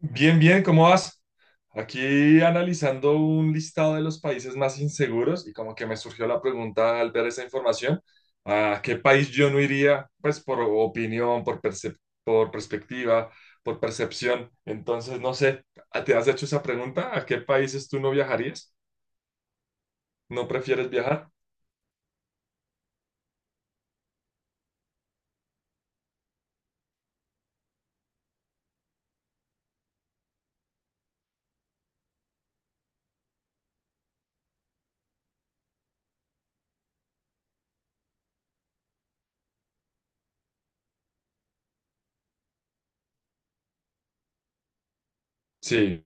Bien, bien, ¿cómo vas? Aquí analizando un listado de los países más inseguros y como que me surgió la pregunta al ver esa información, ¿a qué país yo no iría? Pues por opinión, por por perspectiva, por percepción. Entonces, no sé, ¿te has hecho esa pregunta? ¿A qué países tú no viajarías? ¿No prefieres viajar? Sí,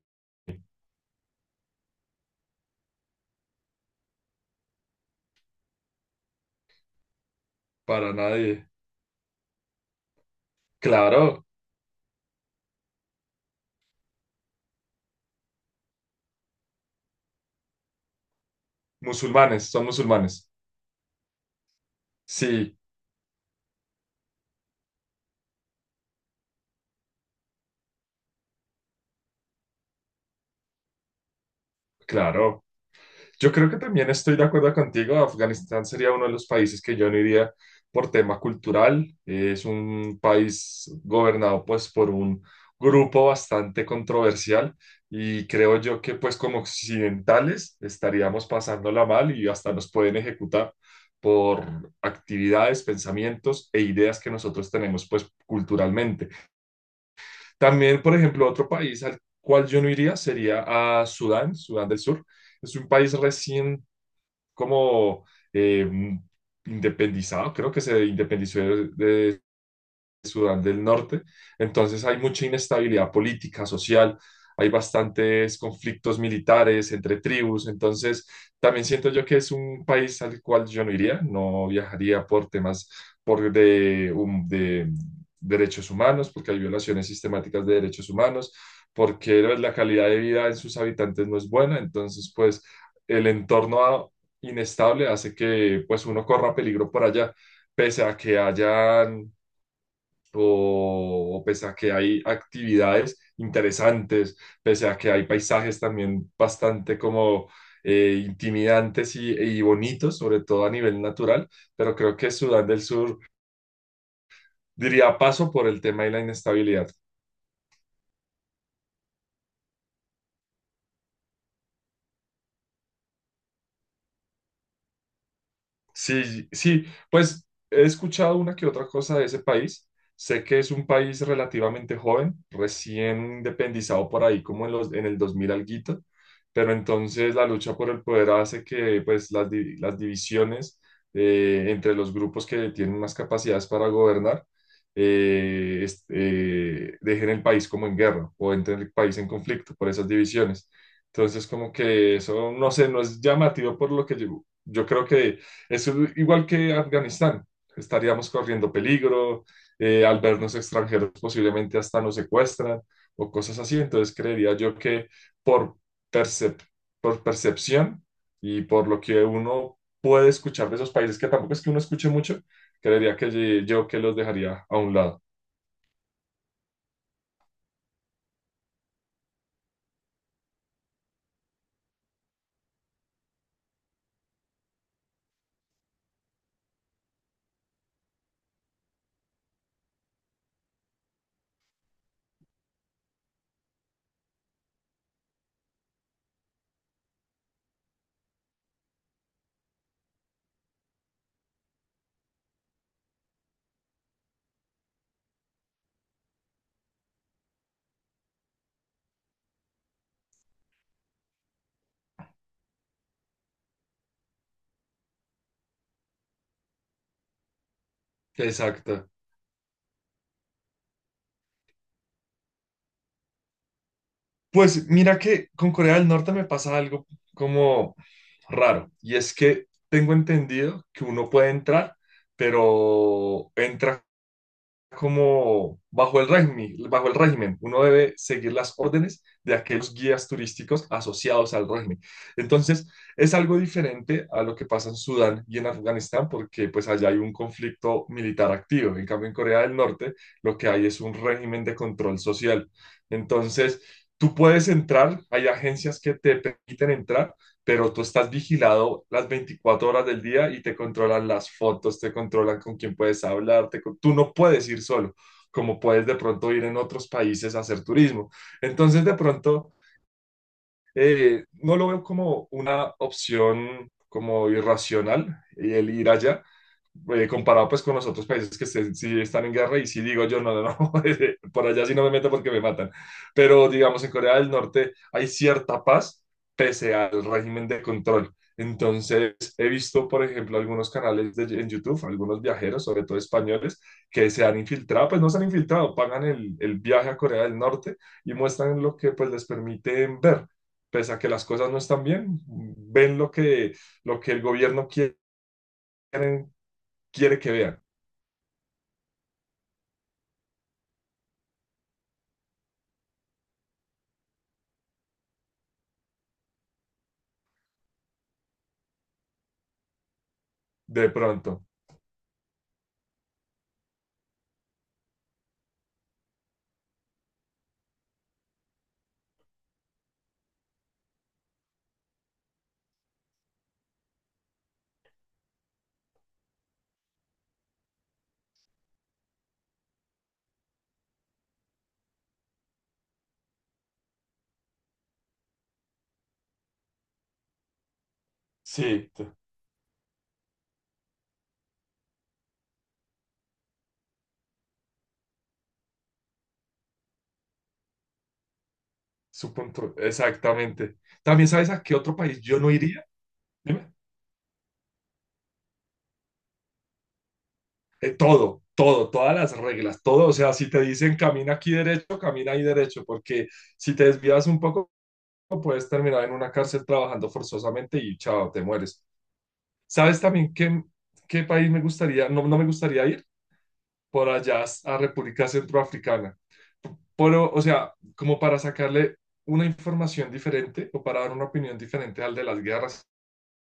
para nadie. Claro, musulmanes, son musulmanes. Sí, claro. Yo creo que también estoy de acuerdo contigo. Afganistán sería uno de los países que yo no iría por tema cultural. Es un país gobernado pues por un grupo bastante controversial y creo yo que pues como occidentales estaríamos pasándola mal y hasta nos pueden ejecutar por actividades, pensamientos e ideas que nosotros tenemos pues culturalmente. También, por ejemplo, otro país al cual yo no iría sería a Sudán, Sudán del Sur. Es un país recién como eh, independizado, creo que se independizó de Sudán del Norte. Entonces hay mucha inestabilidad política, social, hay bastantes conflictos militares entre tribus. Entonces también siento yo que es un país al cual yo no iría, no viajaría por temas de derechos humanos, porque hay violaciones sistemáticas de derechos humanos, porque la calidad de vida en sus habitantes no es buena. Entonces, pues el entorno inestable hace que pues uno corra peligro por allá pese a que haya o pese a que hay actividades interesantes, pese a que hay paisajes también bastante como intimidantes y bonitos, sobre todo a nivel natural, pero creo que Sudán del Sur diría paso por el tema de la inestabilidad. Sí, sí, pues he escuchado una que otra cosa de ese país. Sé que es un país relativamente joven, recién independizado por ahí como en los, en el 2000 alguito, pero entonces la lucha por el poder hace que pues las, las divisiones entre los grupos que tienen más capacidades para gobernar dejen el país como en guerra o entren el país en conflicto por esas divisiones. Entonces como que eso, no sé, no es llamativo por lo que yo creo que es igual que Afganistán. Estaríamos corriendo peligro, al vernos extranjeros posiblemente hasta nos secuestran o cosas así. Entonces creería yo que por, percep- por percepción y por lo que uno puede escuchar de esos países, que tampoco es que uno escuche mucho, creería que ye- yo que los dejaría a un lado. Exacto. Pues mira que con Corea del Norte me pasa algo como raro, y es que tengo entendido que uno puede entrar, pero entra como bajo el régimen, uno debe seguir las órdenes de aquellos guías turísticos asociados al régimen. Entonces, es algo diferente a lo que pasa en Sudán y en Afganistán, porque pues allá hay un conflicto militar activo. En cambio, en Corea del Norte, lo que hay es un régimen de control social. Entonces, tú puedes entrar, hay agencias que te permiten entrar, pero tú estás vigilado las 24 horas del día y te controlan las fotos, te controlan con quién puedes hablar, tú no puedes ir solo, como puedes de pronto ir en otros países a hacer turismo. Entonces, de pronto, no lo veo como una opción como irracional el ir allá, comparado pues con los otros países que sí están en guerra y sí digo yo, no, no, no, por allá sí no me meto porque me matan. Pero digamos, en Corea del Norte hay cierta paz pese al régimen de control. Entonces, he visto, por ejemplo, algunos canales en YouTube, algunos viajeros, sobre todo españoles, que se han infiltrado, pues no se han infiltrado, pagan el viaje a Corea del Norte y muestran lo que pues les permiten ver. Pese a que las cosas no están bien, ven lo que el gobierno quiere, que vean. De pronto, sí, su punto, exactamente. También sabes a qué otro país yo no iría. Dime. Todo, todo, todas las reglas, todo. O sea, si te dicen camina aquí derecho, camina ahí derecho, porque si te desvías un poco, puedes terminar en una cárcel trabajando forzosamente y chao, te mueres. ¿Sabes también qué país me gustaría, no, no me gustaría ir? Por allá a República Centroafricana. Pero, o sea, como para sacarle una información diferente o para dar una opinión diferente al de las guerras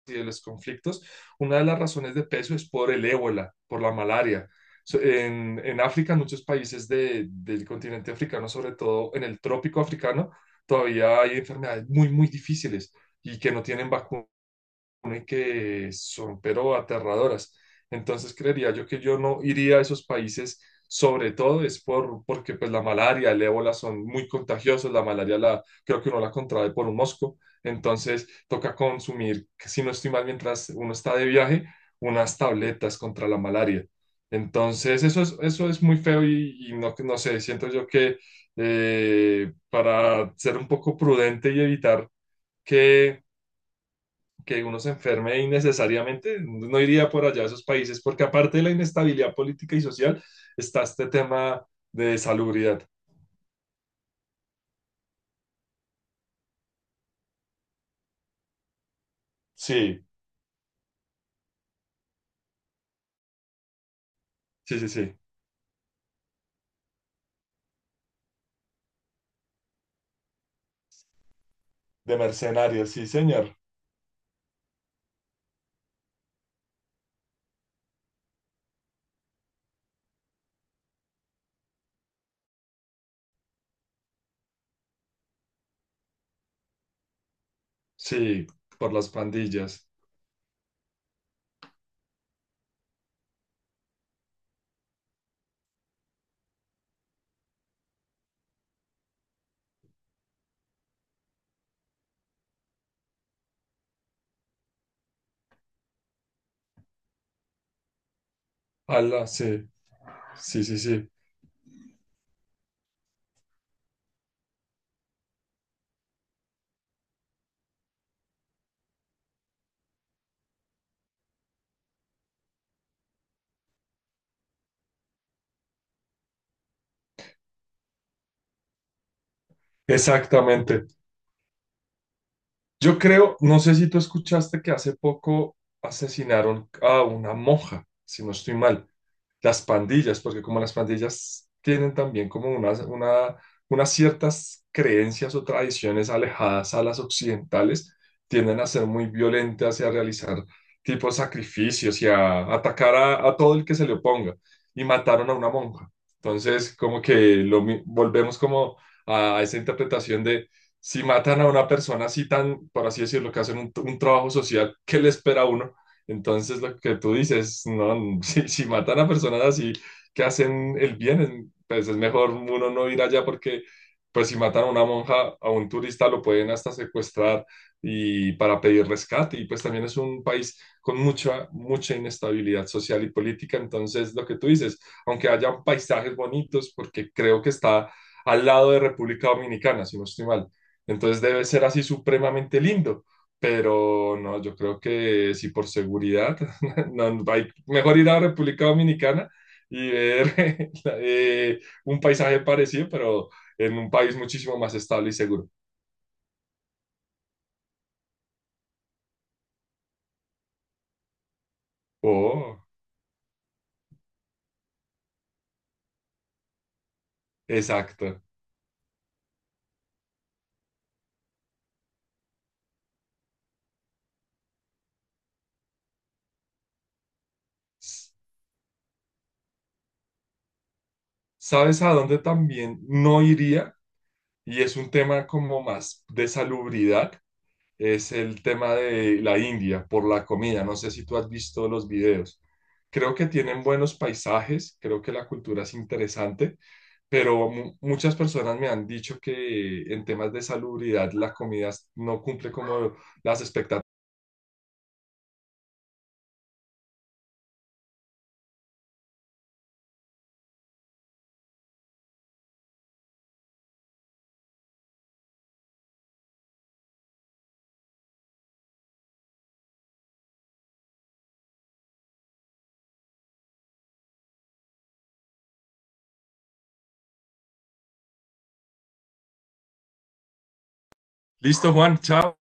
y de los conflictos, una de las razones de peso es por el ébola, por la malaria. En África, en muchos países del continente africano, sobre todo en el trópico africano, todavía hay enfermedades muy, muy difíciles y que no tienen vacuna supone que son, pero aterradoras. Entonces creería yo que yo no iría a esos países, sobre todo es porque pues la malaria, el ébola son muy contagiosos, la malaria la, creo que uno la contrae por un mosco, entonces toca consumir, si no estoy mal, mientras uno está de viaje, unas tabletas contra la malaria. Entonces eso es muy feo y no, no sé, siento yo que para ser un poco prudente y evitar que que uno se enferme innecesariamente, no iría por allá a esos países, porque aparte de la inestabilidad política y social, está este tema de salubridad. Sí, sí, sí, sí. De mercenarios, sí, señor. Sí, por las pandillas. Ala, sí, sí, sí, sí. Exactamente. Yo creo, no sé si tú escuchaste que hace poco asesinaron a una monja, si no estoy mal. Las pandillas, porque como las pandillas tienen también como unas ciertas creencias o tradiciones alejadas a las occidentales, tienden a ser muy violentas y a realizar tipo sacrificios y a atacar a todo el que se le oponga. Y mataron a una monja. Entonces, como que volvemos como a, esa interpretación de si matan a una persona así tan, por así decirlo, que hacen un trabajo social, ¿qué le espera a uno? Entonces, lo que tú dices, no, si matan a personas así que hacen el bien, pues es mejor uno no ir allá porque, pues si matan a una monja, a un turista, lo pueden hasta secuestrar y para pedir rescate. Y pues también es un país con mucha, mucha inestabilidad social y política. Entonces, lo que tú dices, aunque hayan paisajes bonitos, porque creo que está al lado de República Dominicana, si no estoy mal. Entonces debe ser así supremamente lindo. Pero no, yo creo que sí por seguridad, no, hay, mejor ir a República Dominicana y ver un paisaje parecido, pero en un país muchísimo más estable y seguro. Oh, exacto. S- ¿Sabes a dónde también no iría? Y es un tema como más de salubridad, es el tema de la India por la comida. No sé si tú has visto los videos. Creo que tienen buenos paisajes, creo que la cultura es interesante pero muchas personas me han dicho que en temas de salubridad la comida no cumple como las expectativas. Listo, Juan, chao.